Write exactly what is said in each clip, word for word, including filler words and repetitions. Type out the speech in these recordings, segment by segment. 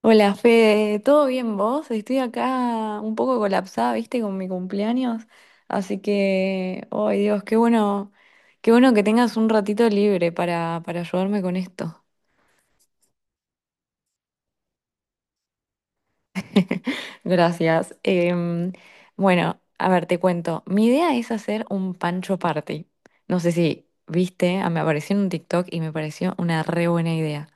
Hola Fede, ¿todo bien vos? Estoy acá un poco colapsada, viste, con mi cumpleaños. Así que, ay Dios, qué bueno, qué bueno que tengas un ratito libre para, para ayudarme con esto. Gracias. Em, bueno, a ver, te cuento. Mi idea es hacer un pancho party. No sé si viste, ah, me apareció en un TikTok y me pareció una re buena idea.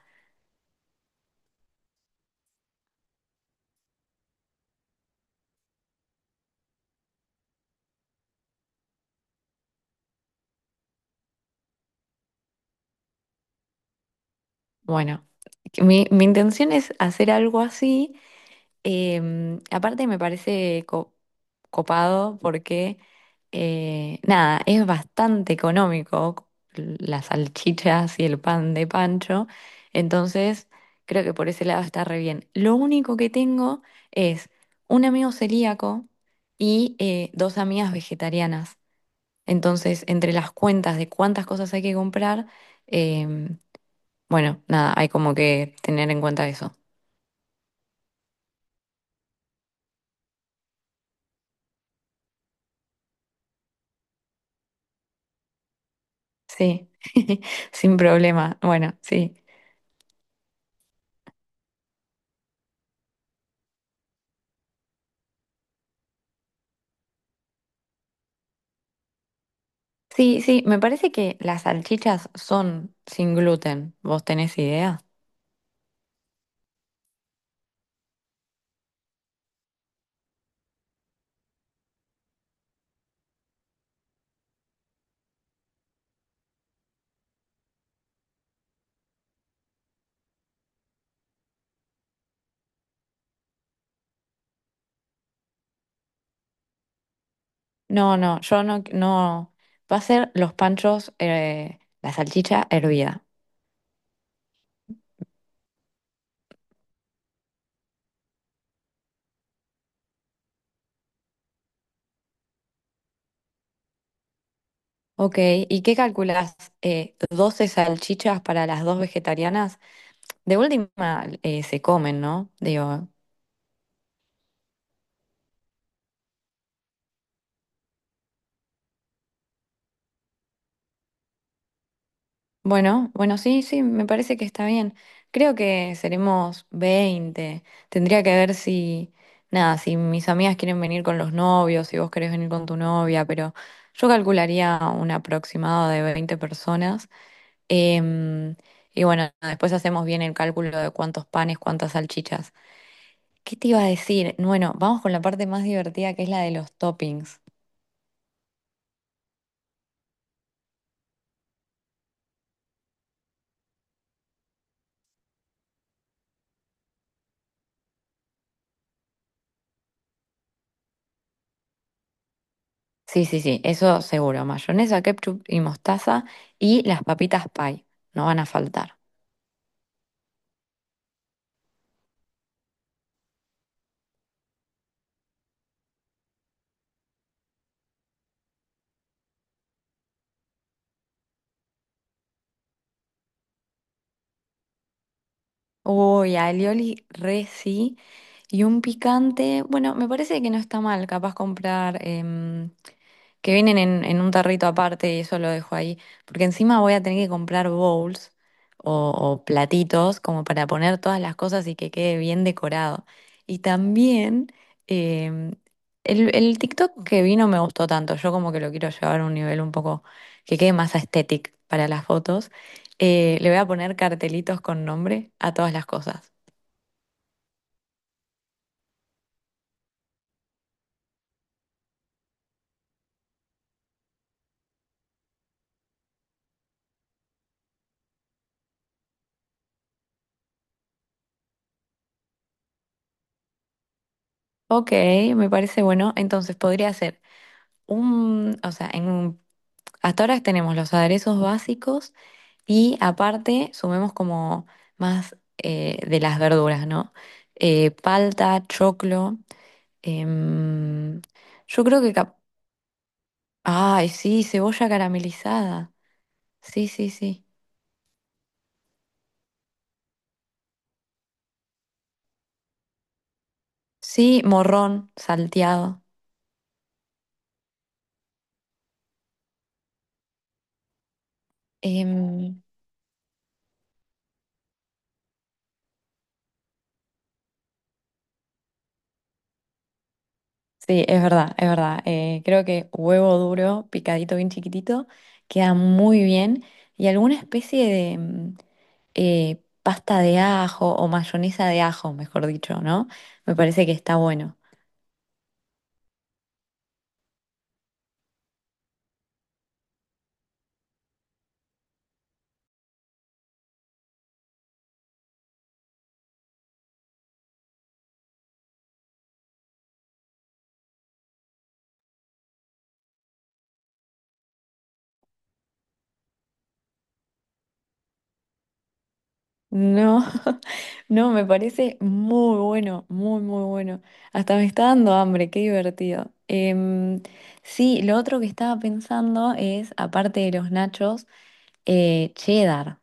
Bueno, que mi, mi intención es hacer algo así. Em, aparte me parece co- copado porque, eh, nada, es bastante económico las salchichas y el pan de Pancho, entonces creo que por ese lado está re bien. Lo único que tengo es un amigo celíaco y eh, dos amigas vegetarianas, entonces entre las cuentas de cuántas cosas hay que comprar, em, bueno, nada, hay como que tener en cuenta eso. Sí, sin problema. Bueno, sí. Sí, sí, me parece que las salchichas son sin gluten. ¿Vos tenés idea? No, no, yo no, no. Va a ser los panchos, eh, la salchicha hervida. Ok, ¿y qué calculás? Eh, doce salchichas para las dos vegetarianas. De última, eh, se comen, ¿no? Digo. Bueno, bueno, sí, sí, me parece que está bien. Creo que seremos veinte. Tendría que ver si, nada, si mis amigas quieren venir con los novios, si vos querés venir con tu novia, pero yo calcularía un aproximado de veinte personas. Em, y bueno, después hacemos bien el cálculo de cuántos panes, cuántas salchichas. ¿Qué te iba a decir? Bueno, vamos con la parte más divertida que es la de los toppings. Sí, sí, sí, eso seguro. Mayonesa, ketchup y mostaza y las papitas pie, no van a faltar. Uy, alioli, re sí. Y un picante, bueno, me parece que no está mal, capaz comprar em, que vienen en, en un tarrito aparte y eso lo dejo ahí, porque encima voy a tener que comprar bowls o, o platitos como para poner todas las cosas y que quede bien decorado. Y también em, el, el TikTok que vi no me gustó tanto, yo como que lo quiero llevar a un nivel un poco que quede más estético para las fotos. Eh, le voy a poner cartelitos con nombre a todas las cosas. Ok, me parece bueno. Entonces podría ser un, o sea, en un- hasta ahora tenemos los aderezos básicos y aparte sumemos como más eh, de las verduras, ¿no? Eh, palta, choclo. em, yo creo que, cap- ay, sí, cebolla caramelizada. Sí, sí, sí. Sí, morrón salteado. Em, Sí, es verdad, es verdad. Eh, creo que huevo duro, picadito bien chiquitito, queda muy bien. Y alguna especie de mm, eh, pasta de ajo o mayonesa de ajo, mejor dicho, ¿no? Me parece que está bueno. No, no, me parece muy bueno, muy, muy bueno. Hasta me está dando hambre, qué divertido. Em, sí, lo otro que estaba pensando es, aparte de los nachos, eh, cheddar.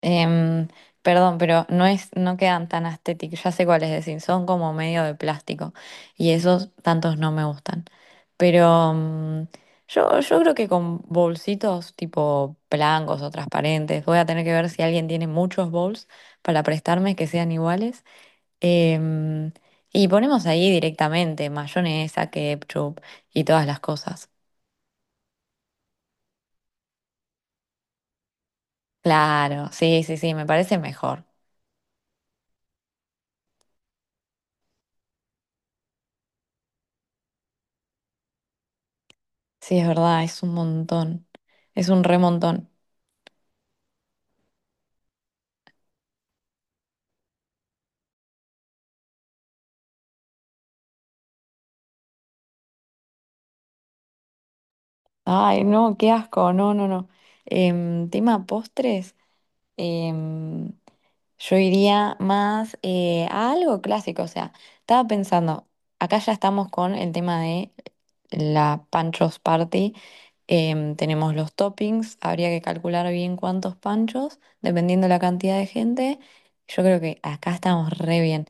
Em, perdón, pero no es, no quedan tan estéticos. Ya sé cuáles decir, son como medio de plástico. Y esos tantos no me gustan. Pero mm, yo, yo creo que con bolsitos tipo blancos o transparentes, voy a tener que ver si alguien tiene muchos bowls para prestarme que sean iguales. Em, y ponemos ahí directamente mayonesa, ketchup y todas las cosas. Claro, sí, sí, sí, me parece mejor. Sí, es verdad, es un montón. Es un remontón. Ay, no, qué asco, no, no, no. Em, tema postres, em, yo iría más eh, a algo clásico, o sea, estaba pensando, acá ya estamos con el tema de la Pancho's Party. Em, tenemos los toppings, habría que calcular bien cuántos panchos, dependiendo la cantidad de gente. Yo creo que acá estamos re bien.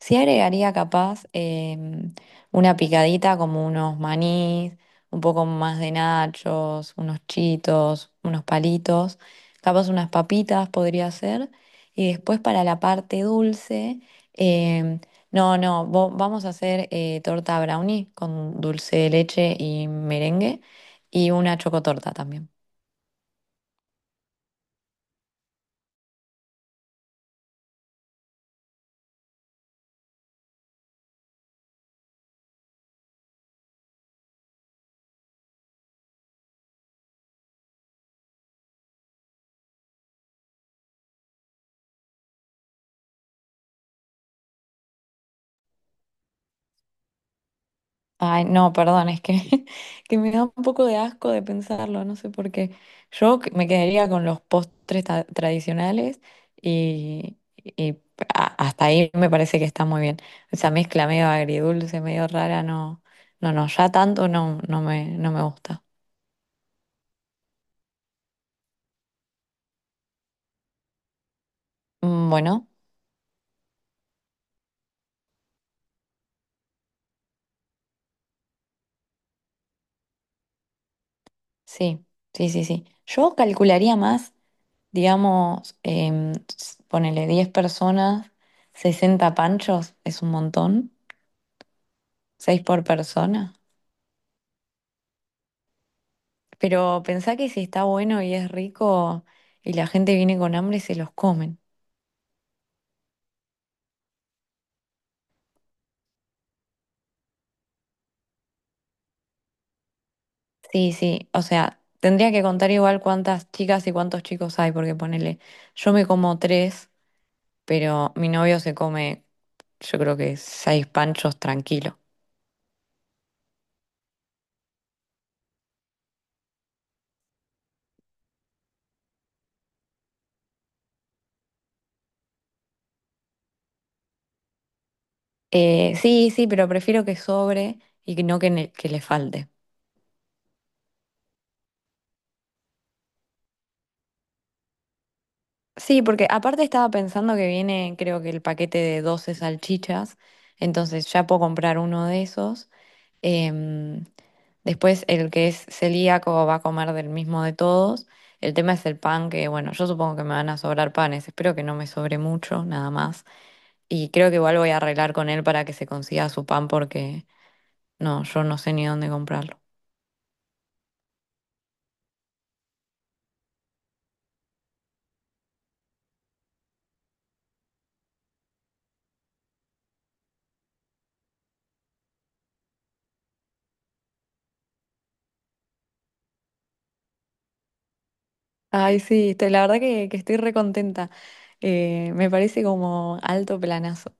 Sí agregaría capaz em, una picadita como unos manís, un poco más de nachos, unos chitos, unos palitos, capaz unas papitas podría ser. Y después para la parte dulce, em, no, no, vo- vamos a hacer eh, torta brownie con dulce de leche y merengue. Y una chocotorta también. Ay, no, perdón, es que, que me da un poco de asco de pensarlo, no sé por qué. Yo que- me quedaría con los postres ta- tradicionales y, y a- hasta ahí me parece que está muy bien. Esa mezcla medio agridulce, medio rara, no, no, no, ya tanto no, no me, no me gusta. Mm, Bueno, sí, sí, sí, sí. Yo calcularía más, digamos, em, s- ponele diez personas, sesenta panchos, es un montón. Seis por persona. Pero pensá que si está bueno y es rico y la gente viene con hambre, se los comen. Sí, sí. O sea, tendría que contar igual cuántas chicas y cuántos chicos hay, porque ponele, yo me como tres, pero mi novio se come, yo creo que seis panchos tranquilo. Eh, sí, sí, pero prefiero que sobre y que no que, ne- que le falte. Sí, porque aparte estaba pensando que viene, creo que el paquete de doce salchichas, entonces ya puedo comprar uno de esos. Em, después el que es celíaco va a comer del mismo de todos. El tema es el pan, que bueno, yo supongo que me van a sobrar panes, espero que no me sobre mucho, nada más. Y creo que igual voy a arreglar con él para que se consiga su pan porque no, yo no sé ni dónde comprarlo. Ay, sí, te- la verdad que, que estoy recontenta. Me parece como alto planazo.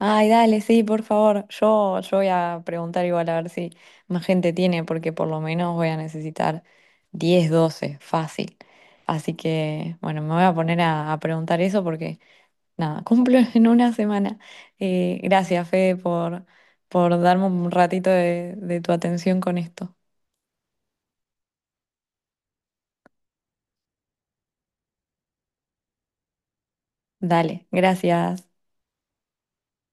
Ay, dale, sí, por favor. Yo, yo voy a preguntar igual a ver si más gente tiene, porque por lo menos voy a necesitar diez, doce, fácil. Así que, bueno, me voy a poner a, a preguntar eso porque, nada, cumplo en una semana. Eh, gracias, Fede, por, por darme un ratito de de tu atención con esto. Dale, gracias.